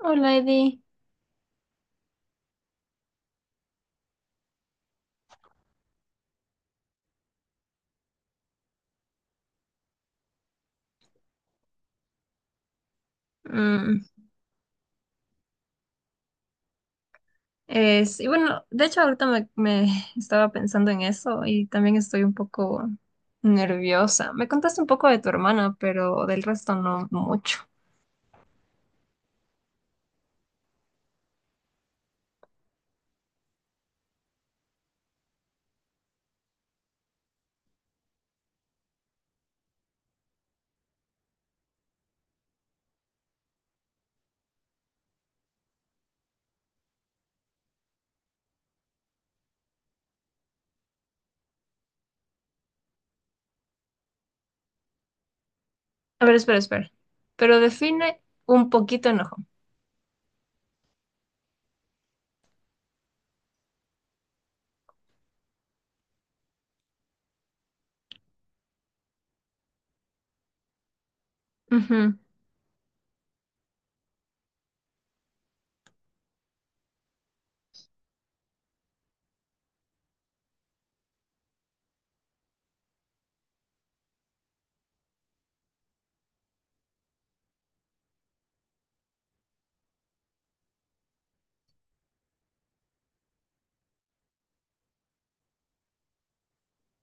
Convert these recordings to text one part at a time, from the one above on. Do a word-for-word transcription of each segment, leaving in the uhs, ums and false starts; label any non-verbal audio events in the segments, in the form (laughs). Hola, Eddie. Mm, es, y bueno, de hecho ahorita me, me estaba pensando en eso y también estoy un poco nerviosa. Me contaste un poco de tu hermana, pero del resto no mucho. A ver, espera, espera. Pero define un poquito enojo. Ujú.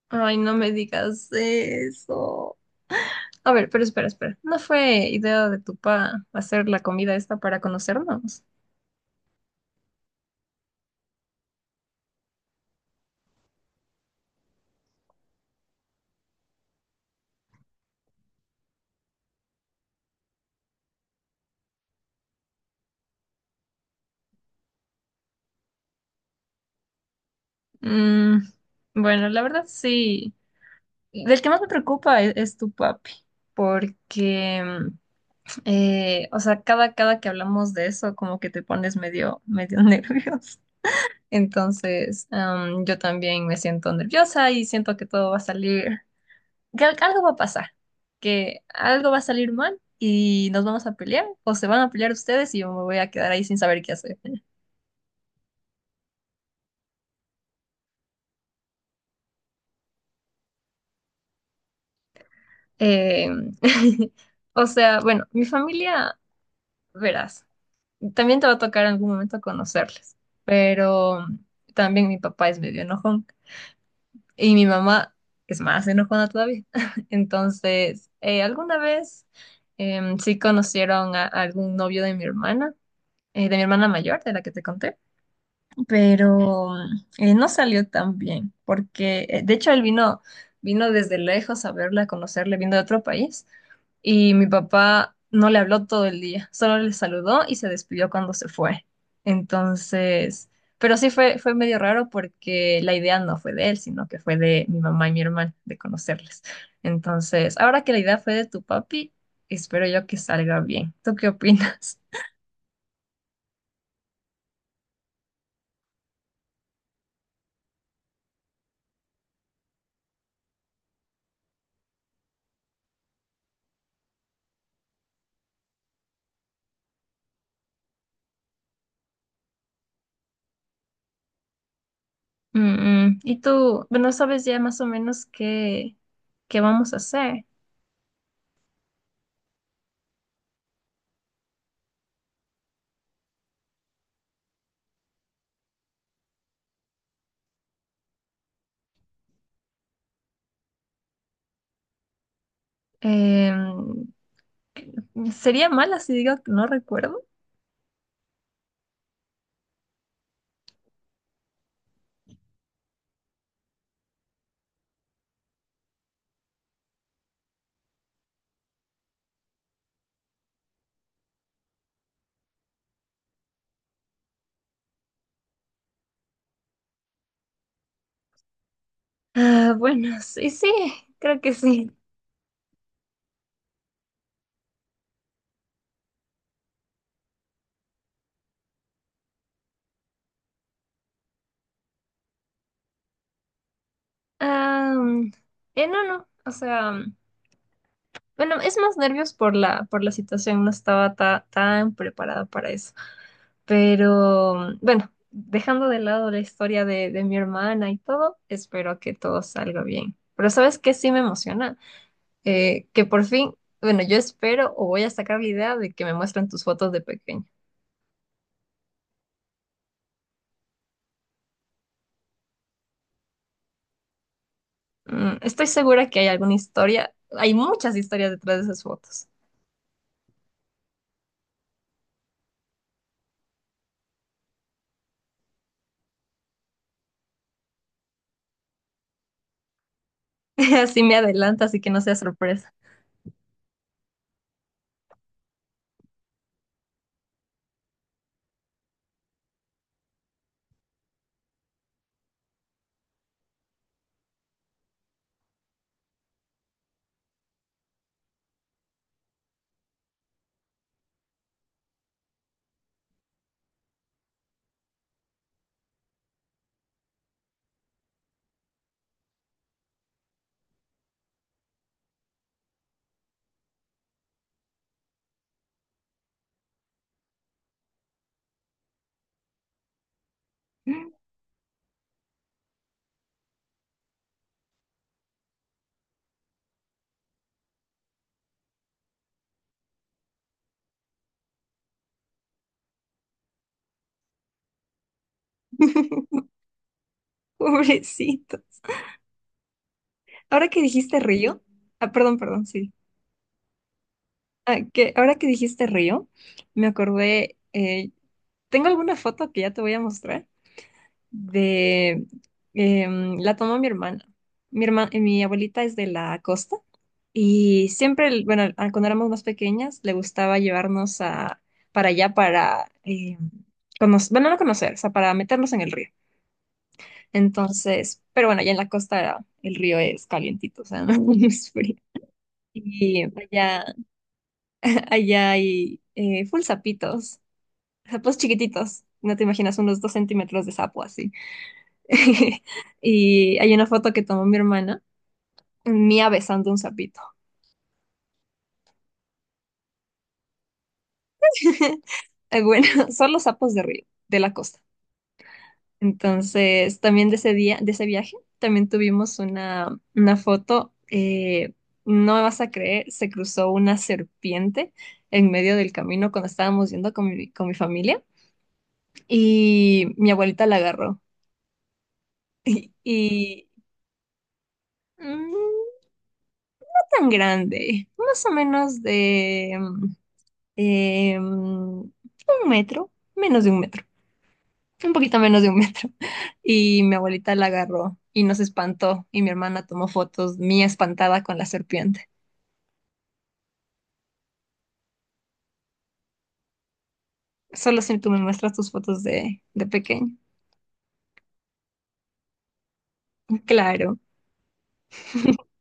Ay, no me digas eso. A ver, pero espera, espera. ¿No fue idea de tu pa hacer la comida esta para conocernos? Mm, bueno, la verdad sí. Del que más me preocupa es, es tu papi, porque, eh, o sea, cada, cada que hablamos de eso, como que te pones medio, medio (laughs) nervioso. Entonces, am, yo también me siento nerviosa y siento que todo va a salir, que al- algo va a pasar, que algo va a salir mal y nos vamos a pelear, o se van a pelear ustedes y yo me voy a quedar ahí sin saber qué hacer. Eh, (laughs) o sea, bueno, mi familia, verás. También te va a tocar en algún momento conocerles, pero también mi papá es medio enojón y mi mamá es más enojona todavía. (laughs) Entonces, eh, alguna vez em, sí conocieron a, a algún novio de mi hermana, eh, de mi hermana mayor, de la que te conté pero eh, no salió tan bien, porque eh, de hecho él vino, vino desde lejos a verla, a conocerle, vino de otro país, y mi papá no le habló todo el día, solo le saludó y se despidió cuando se fue. Entonces, pero sí fue, fue medio raro porque la idea no fue de él, sino que fue de mi mamá y mi hermana, de conocerles. Entonces, ahora que la idea fue de tu papi, espero yo que salga bien. ¿Tú qué opinas? Mm, mm. Y tú, bueno, sabes ya más o menos qué, qué vamos a hacer. Em, sería mala si digo que no recuerdo. Ah, bueno, sí, sí, creo que sí. Am, eh, no, no, o sea, mm, bueno, es más nervios por la, por la situación, no estaba ta- tan preparada para eso. Pero mm, bueno, dejando de lado la historia de, de mi hermana y todo, espero que todo salga bien. Pero ¿sabes qué? Sí me emociona. Eh, que por fin, bueno, yo espero o voy a sacar la idea de que me muestren tus fotos de pequeño. Mm, estoy segura que hay alguna historia, hay muchas historias detrás de esas fotos. (laughs) Así me adelanto, así que no sea sorpresa. (laughs) Pobrecito. Ahora que dijiste río, ah, perdón, perdón, sí. Ah, que ahora que dijiste río, me acordé, eh, tengo alguna foto que ya te voy a mostrar de em, la tomó mi hermana. Mi herma- eh, mi abuelita es de la costa y siempre, el- bueno, a- cuando éramos más pequeñas, le gustaba llevarnos a, para allá para, em, cono- bueno, no conocer, o sea, para meternos en el río. Entonces, pero bueno, allá en la costa el río es calientito, o sea, (laughs) no es frío. Y allá, (laughs) allá hay eh, full sapitos, sapos chiquititos, no te imaginas, unos dos centímetros de sapo (laughs) Y hay una foto que tomó mi hermana, mía besando un sapito. (laughs) Eh, Bueno, (laughs) son los sapos de río, de la costa. Entonces, también de ese día, de ese viaje, también tuvimos una, una foto. Eh, no me vas a creer, se cruzó una serpiente en medio del camino cuando estábamos yendo con mi, con mi familia y mi abuelita la agarró. (laughs) Y, y, mm, no tan grande, más o menos de, mm, eh, un metro, menos de un metro, un poquito menos de un metro. (laughs) Y mi abuelita la agarró y nos espantó y mi hermana tomó fotos mía espantada con la serpiente. Solo si tú me muestras tus fotos de, de pequeño. Claro. (laughs)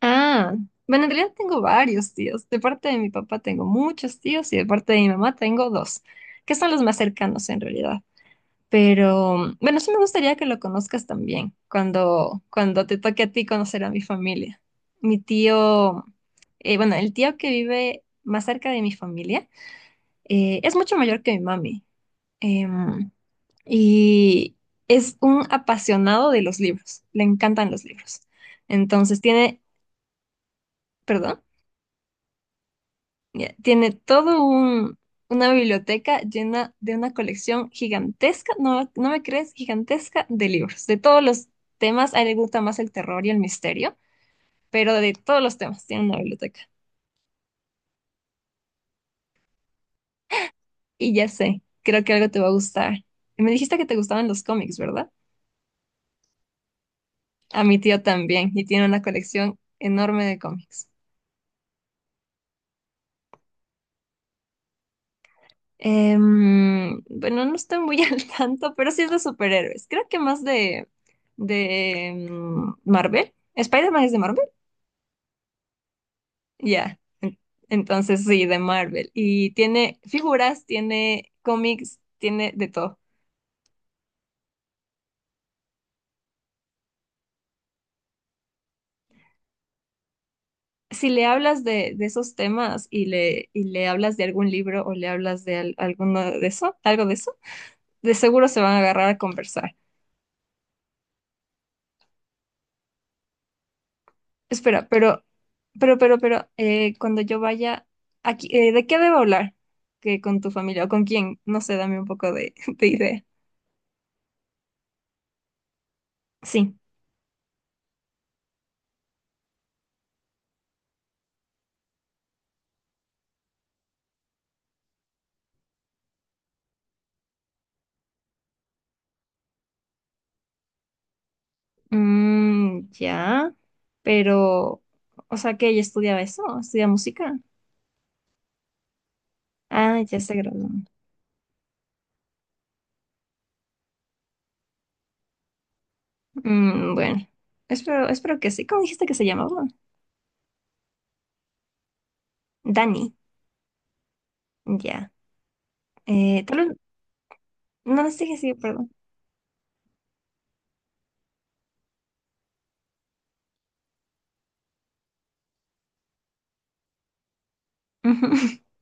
Ah, bueno, en realidad tengo varios tíos. De parte de mi papá tengo muchos tíos y de parte de mi mamá tengo dos, que son los más cercanos en realidad. Pero bueno, sí me gustaría que lo conozcas también cuando, cuando te toque a ti conocer a mi familia. Mi tío, eh, bueno, el tío que vive más cerca de mi familia eh, es mucho mayor que mi mami em, y es un apasionado de los libros, le encantan los libros. Entonces tiene, perdón. Ya, tiene todo un, una biblioteca llena de una colección gigantesca, no, no me crees, gigantesca de libros, de todos los temas. A él le gusta más el terror y el misterio, pero de todos los temas tiene una biblioteca. Y ya sé, creo que algo te va a gustar. Y me dijiste que te gustaban los cómics, ¿verdad? A mi tío también, y tiene una colección enorme de cómics. Em, bueno, no estoy muy (laughs) al tanto, pero sí es de superhéroes. Creo que más de, de em, Marvel. Spider-Man es de Marvel. Ya, en- entonces sí, de Marvel. Y tiene figuras, tiene cómics, tiene de todo. Si le hablas de, de esos temas y le, y le hablas de algún libro o le hablas de al- alguno de eso, algo de eso, de seguro se van a agarrar a conversar. Espera, pero, pero, pero, pero, eh, cuando yo vaya aquí, eh, ¿de qué debo hablar? ¿Que con tu familia o con quién? No sé, dame un poco de, (laughs) de idea. Sí. Mm, ya, pero, o sea que ella estudiaba eso, estudia música. Ah, ya se graduó. Mm, bueno, espero, espero que sí. ¿Cómo dijiste que se llamaba? Dani. Ya. Eh, tal vez, no les dije sí, perdón. Ujú. (laughs)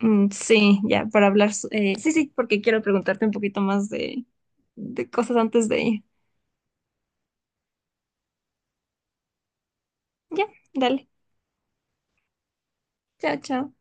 Mm, sí, ya, para hablar. So- eh, sí, sí, porque quiero preguntarte un poquito más de, de cosas antes de ir. Ya, dale. Chao, chao.